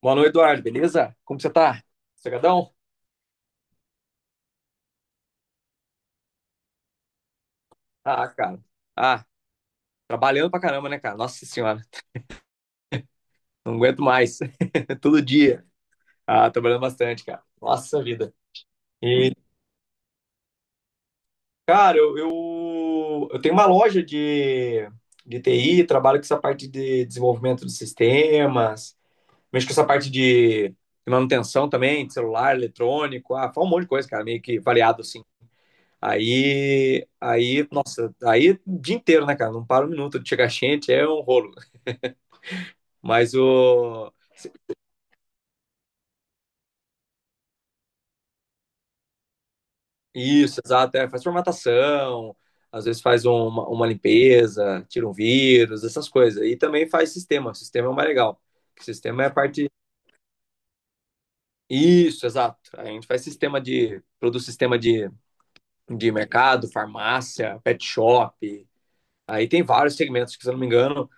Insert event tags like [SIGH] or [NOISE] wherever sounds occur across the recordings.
Boa noite, Eduardo, beleza? Como você tá? Sossegadão? Ah, cara. Ah, trabalhando pra caramba, né, cara? Nossa senhora, não aguento mais. [LAUGHS] Todo dia. Ah, trabalhando bastante, cara. Nossa vida. E, cara, eu tenho uma loja de TI, trabalho com essa parte de desenvolvimento de sistemas, mexo com essa parte de manutenção também, de celular, eletrônico, ah, faz um monte de coisa, cara, meio que variado, assim. Aí, nossa, aí o dia inteiro, né, cara? Não para um minuto de chegar gente, é um rolo. Mas o. Isso, exato, é, faz formatação, às vezes faz uma limpeza, tira um vírus, essas coisas. E também faz sistema, sistema é o mais legal. Sistema é a parte. Isso, exato. A gente faz sistema de. Produz sistema de mercado, farmácia, pet shop. Aí tem vários segmentos, que, se eu não me engano,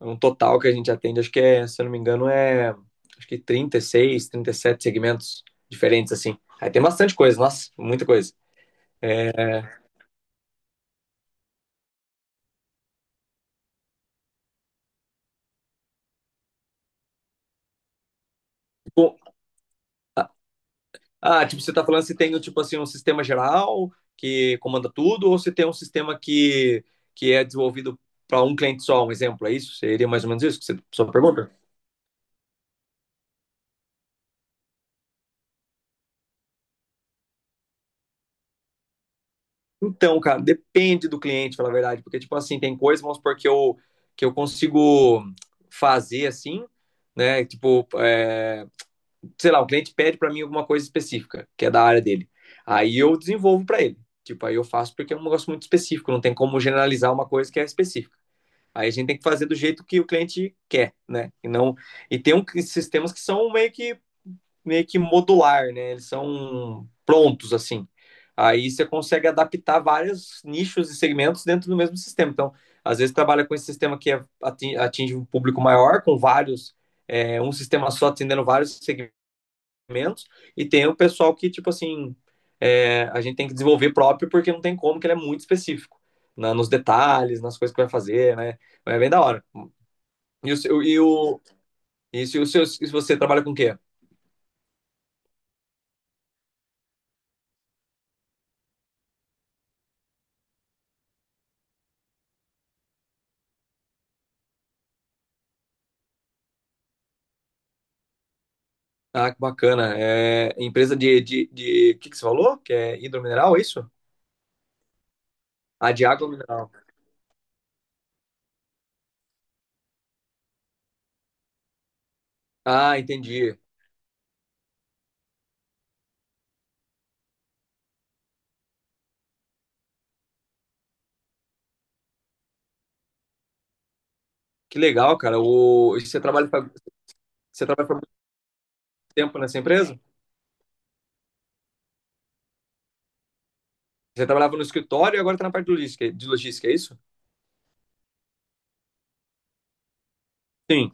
um total que a gente atende, acho que é, se eu não me engano, é acho que 36, sete segmentos diferentes, assim. Aí tem bastante coisa, nossa, muita coisa. É, bom, ah, tipo, você tá falando se tem, tipo assim, um sistema geral que comanda tudo, ou se tem um sistema que é desenvolvido para um cliente só, um exemplo, é isso? Seria mais ou menos isso que você só pergunta? Então, cara, depende do cliente, pela verdade, porque, tipo assim, tem coisas, vamos supor, que eu consigo fazer, assim, né, tipo, é, sei lá, o cliente pede para mim alguma coisa específica, que é da área dele. Aí eu desenvolvo para ele. Tipo, aí eu faço porque é um negócio muito específico, não tem como generalizar uma coisa que é específica. Aí a gente tem que fazer do jeito que o cliente quer, né? E não e tem um, sistemas que são meio que modular, né? Eles são prontos assim. Aí você consegue adaptar vários nichos e segmentos dentro do mesmo sistema. Então, às vezes trabalha com esse sistema que é, atinge um público maior, com vários, é, um sistema só atendendo vários segmentos menos, e tem o pessoal que, tipo assim, é, a gente tem que desenvolver próprio porque não tem como, que ele é muito específico nos detalhes, nas coisas que vai fazer, né? É bem da hora. E o seu, e o, se você trabalha com o quê? Ah, que bacana. É empresa de. O que que você falou? Que é hidromineral, é isso? Ah, de água mineral. Ah, entendi. Que legal, cara. O... e Você trabalha, fa- você trabalha por muito tempo nessa empresa? Você trabalhava no escritório e agora tá na parte de logística, é isso? Sim.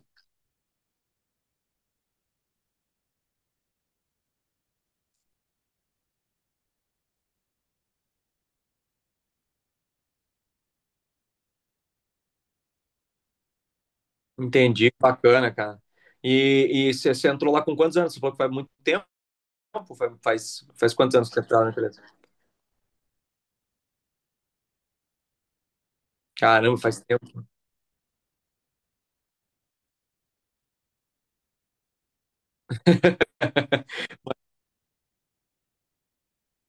Entendi, bacana, cara. E você entrou lá com quantos anos? Você falou que faz muito tempo, faz quantos anos que você entrou lá na empresa? Caramba, faz tempo.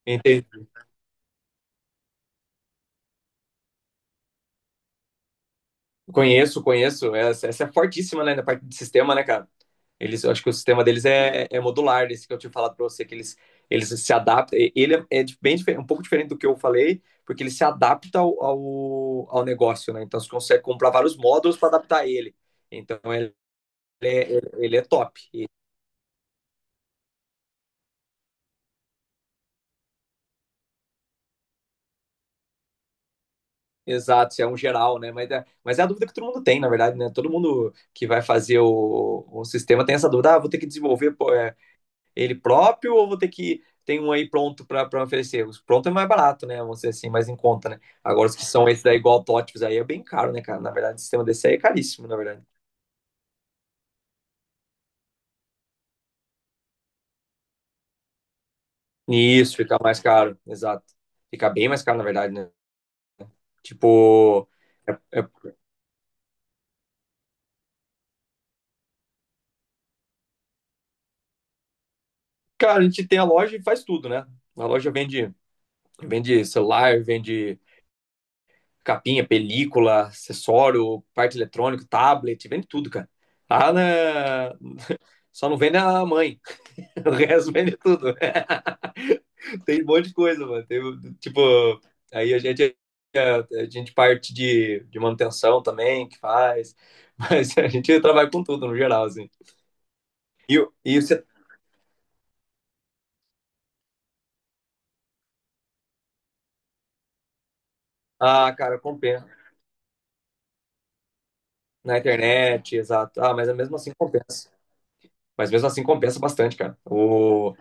Entendi. Conheço, conheço. Essa é fortíssima, né, na parte de sistema, né, cara? Eu acho que o sistema deles é modular, esse que eu tinha falado pra você, que eles se adaptam. Ele é um pouco diferente do que eu falei, porque ele se adapta ao negócio, né? Então você consegue comprar vários módulos para adaptar ele. Então ele é top. Exato, isso é um geral, né? Mas é a dúvida que todo mundo tem, na verdade, né? Todo mundo que vai fazer o sistema tem essa dúvida: ah, vou ter que desenvolver pô, ele próprio ou vou ter que. Tem um aí pronto para oferecer. Os pronto é mais barato, né? Vamos dizer assim, mais em conta, né? Agora, os que são esses daí, igual autótipos, aí é bem caro, né, cara? Na verdade, o sistema desse aí é caríssimo, na verdade. Isso, fica mais caro, exato. Fica bem mais caro, na verdade, né? Tipo, é- cara, a gente tem a loja e faz tudo, né? A loja vende vende celular, vende capinha, película, acessório, parte eletrônica, tablet, vende tudo, cara. Lá na... Só não vende a mãe. [LAUGHS] O resto vende tudo. [LAUGHS] Tem um monte de coisa, mano. Tem, um, tipo, aí a gente parte de manutenção também, que faz. [LAUGHS] Mas a gente trabalha com tudo, no geral, assim. E, e você. Ah, cara, compensa. Na internet, exato. Ah, mas mesmo assim compensa. Mas mesmo assim compensa bastante, cara. O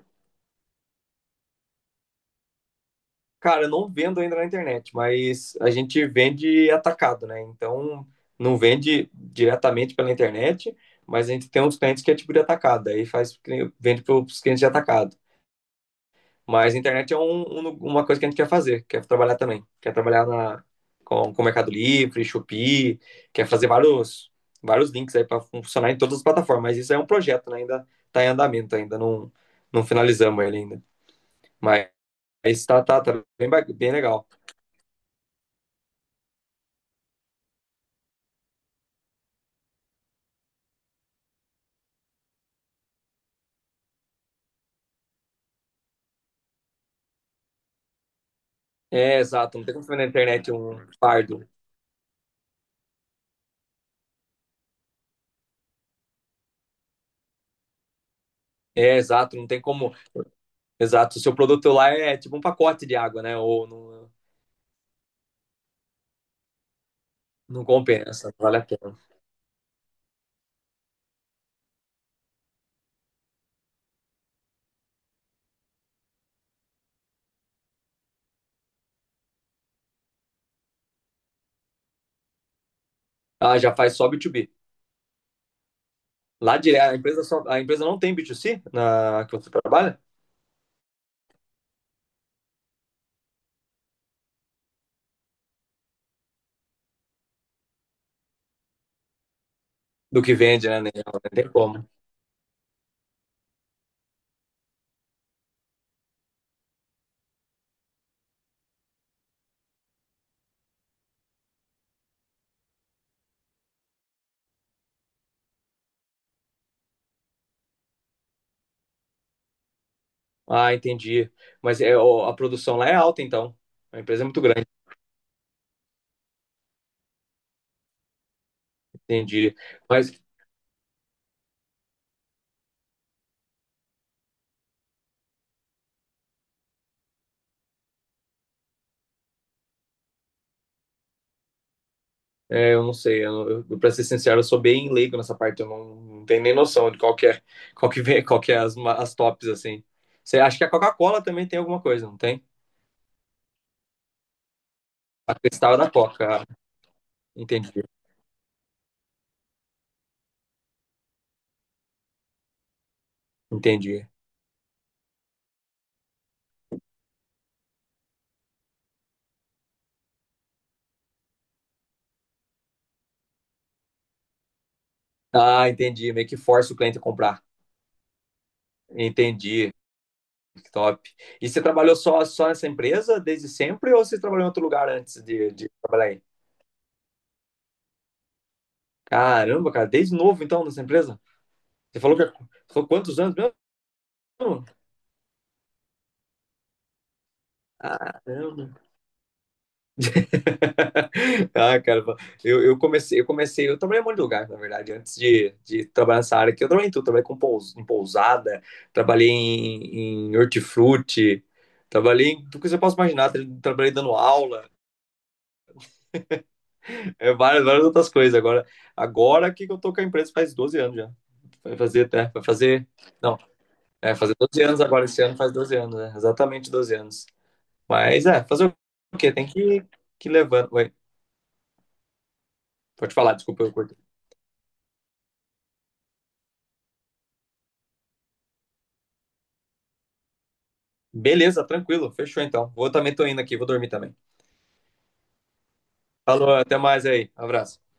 Cara, eu não vendo ainda na internet, mas a gente vende atacado, né? Então, não vende diretamente pela internet, mas a gente tem uns clientes que é tipo de atacado, aí faz, vende para os clientes de atacado. Mas a internet é uma coisa que a gente quer fazer, quer trabalhar também. Quer trabalhar na, com Mercado Livre, Shopee, quer fazer vários, vários links aí para funcionar em todas as plataformas. Mas isso é um projeto, né? Ainda está em andamento, ainda não, não finalizamos ele ainda. Mas está tá, tá tá bem, bem legal. É, exato, não tem como você vender na internet um fardo. É, exato, não tem como. Exato, o seu produto lá é tipo um pacote de água, né? Ou não, não compensa, não vale a pena. Ah, já faz só B2B. A empresa só, a empresa não tem B2C na que você trabalha? Do que vende, né? Não tem como. Ah, entendi. Mas é, ó, a produção lá é alta, então. A empresa é muito grande, entendi. Mas eu não sei, pra ser sincero, eu sou bem leigo nessa parte, eu não, não tenho nem noção de qual que é, qual que vem, [LAUGHS] qual que é as tops, assim. Você acha que a Coca-Cola também tem alguma coisa, não tem? A Cristal é da Coca, ah, entendi, entendi. Ah, entendi, meio que força o cliente a comprar. Entendi, que top. E você trabalhou só nessa empresa desde sempre ou você trabalhou em outro lugar antes de trabalhar aí? Caramba, cara, desde novo então nessa empresa? Você falou que falou quantos anos mesmo? Caramba. [LAUGHS] Ah, cara, eu trabalhei em um monte de lugar, na verdade, antes de trabalhar nessa área aqui, eu trabalhei em tudo, trabalhei em pousada, trabalhei em hortifruti, trabalhei em tudo que você possa imaginar, trabalhei dando aula, [LAUGHS] é, várias, várias outras coisas, agora que eu tô com a empresa faz 12 anos já, vai fazer até, vai fazer, não, fazer 12 anos agora, esse ano faz 12 anos, né, exatamente 12 anos, mas é, fazer o quê, tem que levando, Oi, pode falar, desculpa, eu cortei. Beleza, tranquilo. Fechou então. Vou também tô indo aqui, vou dormir também. Falou, até mais aí. Abraço.